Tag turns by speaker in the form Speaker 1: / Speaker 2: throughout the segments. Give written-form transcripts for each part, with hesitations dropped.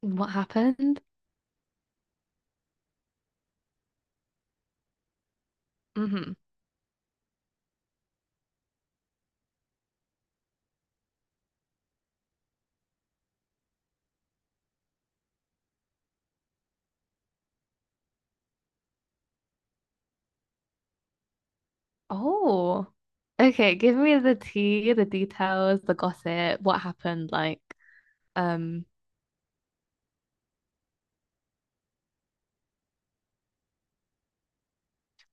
Speaker 1: What happened? Hmm. Oh, okay. Give me the tea, the details, the gossip. What happened? Um,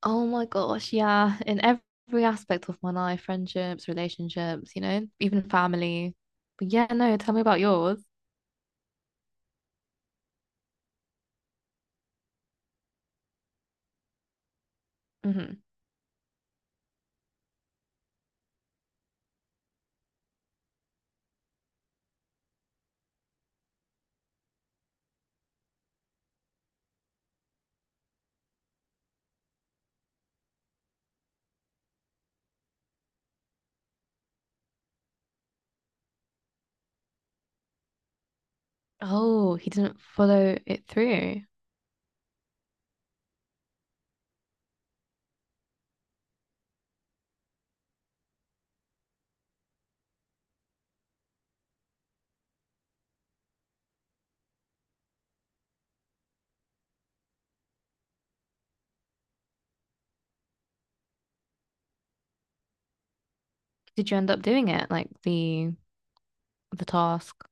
Speaker 1: oh my gosh, yeah. In every aspect of my life, friendships, relationships, you know, even family. But yeah, no. Tell me about yours. Hmm. Oh, he didn't follow it through. Did you end up doing it? Like the task?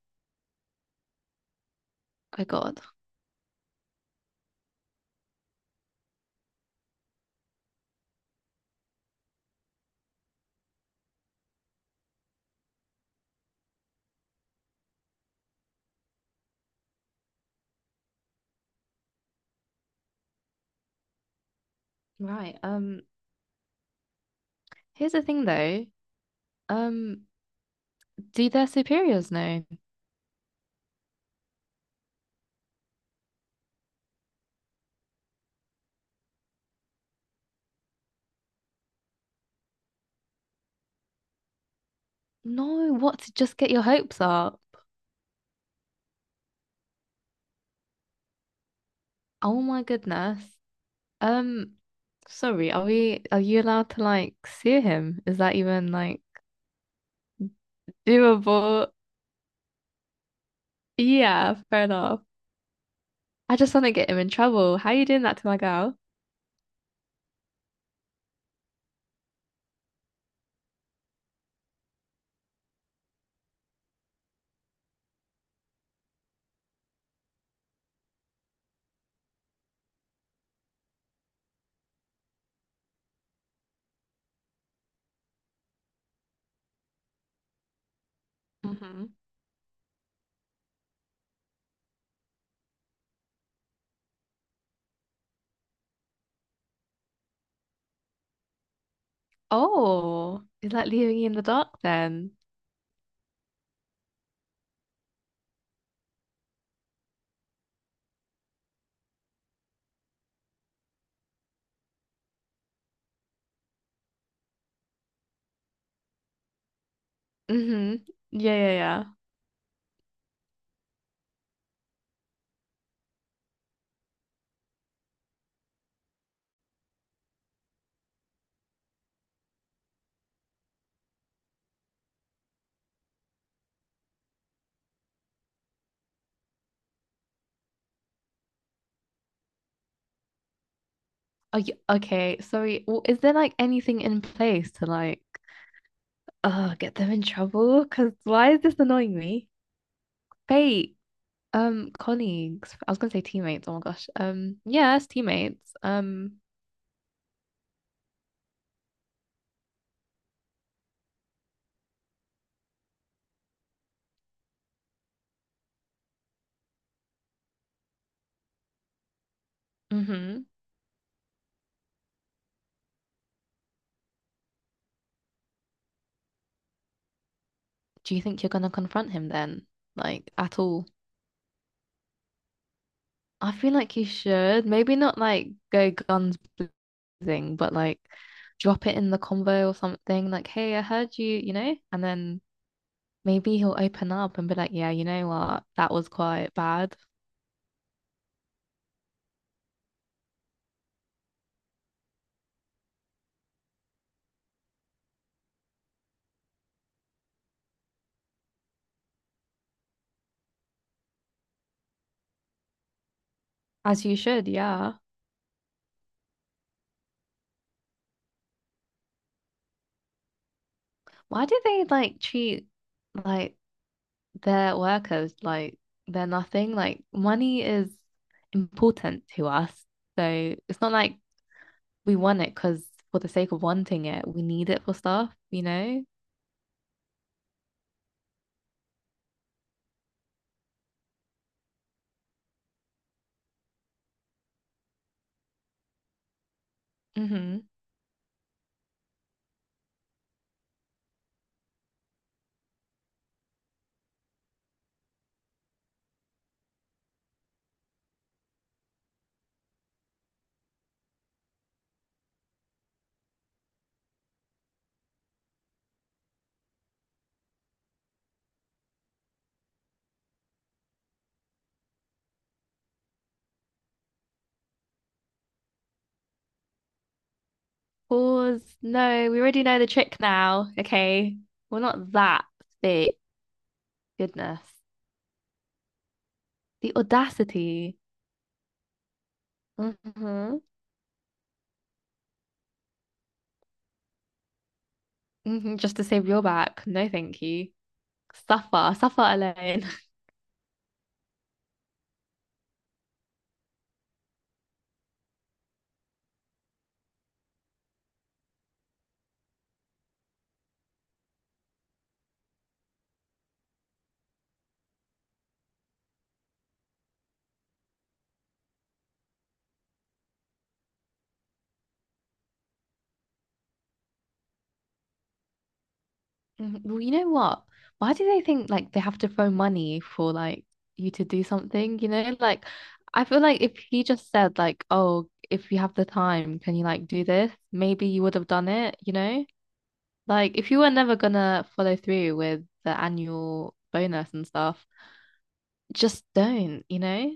Speaker 1: Oh God. Right. Here's the thing, though. Um. Do their superiors know? No, what, to just get your hopes up? Oh my goodness. Um, sorry, are you allowed to like sue him? Is that even like doable? Yeah, fair enough. I just want to get him in trouble. How are you doing that to my girl? Mm-hmm. Oh, is that leaving you in the dark then? Mm-hmm. Yeah, yeah, yeah. Okay, sorry. Well, is there like anything in place to like get them in trouble? Because why is this annoying me? Fate. Colleagues. I was gonna say teammates. Oh my gosh. Yes, teammates. Hmm Do you think you're gonna confront him then? Like at all? I feel like you should. Maybe not like go guns blazing, but like drop it in the convo or something. Like, hey, I heard you, you know? And then maybe he'll open up and be like, yeah, you know what? That was quite bad. As you should, yeah. Why do they like treat like they're workers, like they're nothing. Like money is important to us. So it's not like we want it because for the sake of wanting it, we need it for stuff, you know? Mm-hmm. Pause. No, we already know the trick now. Okay. We're not that big. Goodness. The audacity. Mm-hmm. Mm-hmm. Just to save your back. No, thank you. Suffer. Suffer alone. Mhm. Well, you know what? Why do they think like they have to throw money for like you to do something? You know, like I feel like if he just said like, "Oh, if you have the time, can you like do this?" Maybe you would have done it, you know? Like if you were never gonna follow through with the annual bonus and stuff, just don't, you know?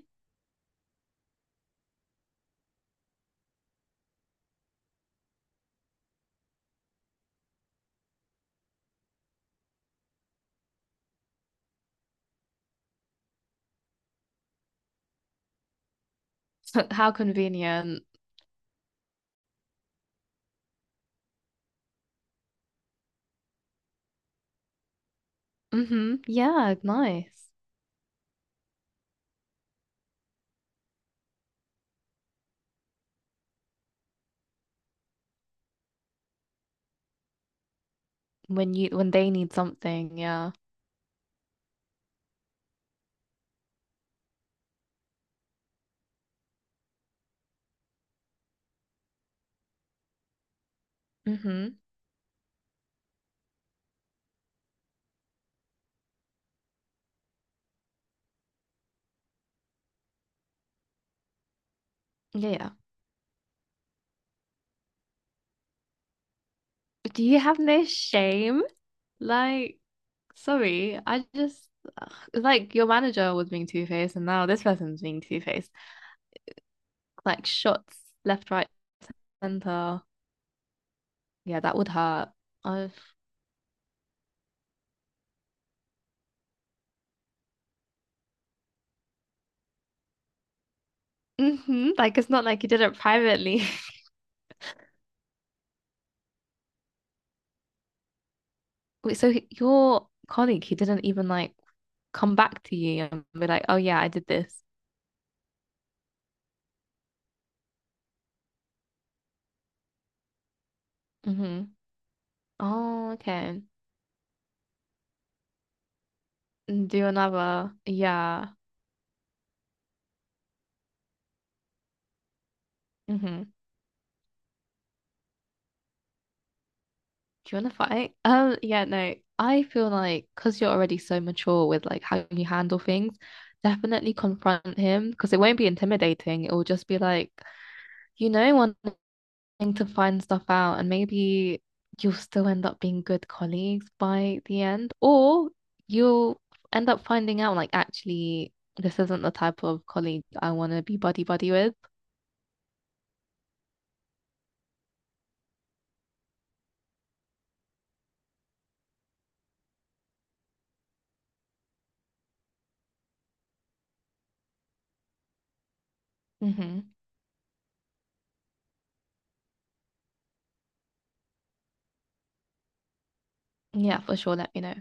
Speaker 1: How convenient. Mm-hmm. Yeah, nice. When you when they need something, yeah. Mm-hmm. Yeah, yeah. Do you have no shame? Like, sorry, I just, ugh, it's like your manager was being two-faced and now this person's being two-faced. Like shots left, right, center. Yeah, that would hurt. I've hmm Like it's not like he did it privately. Wait, so your colleague, he didn't even like come back to you and be like, "Oh yeah, I did this." Mm-hmm. Oh, okay. And do another. Yeah. Mm-hmm. Do you want to fight? Yeah, no. I feel like because you're already so mature with like how you handle things, definitely confront him because it won't be intimidating. It will just be like, you know, wanting to find stuff out, and maybe you'll still end up being good colleagues by the end, or you'll end up finding out like actually this isn't the type of colleague I want to be buddy buddy with. Hmm. Yeah, for sure. Let me know.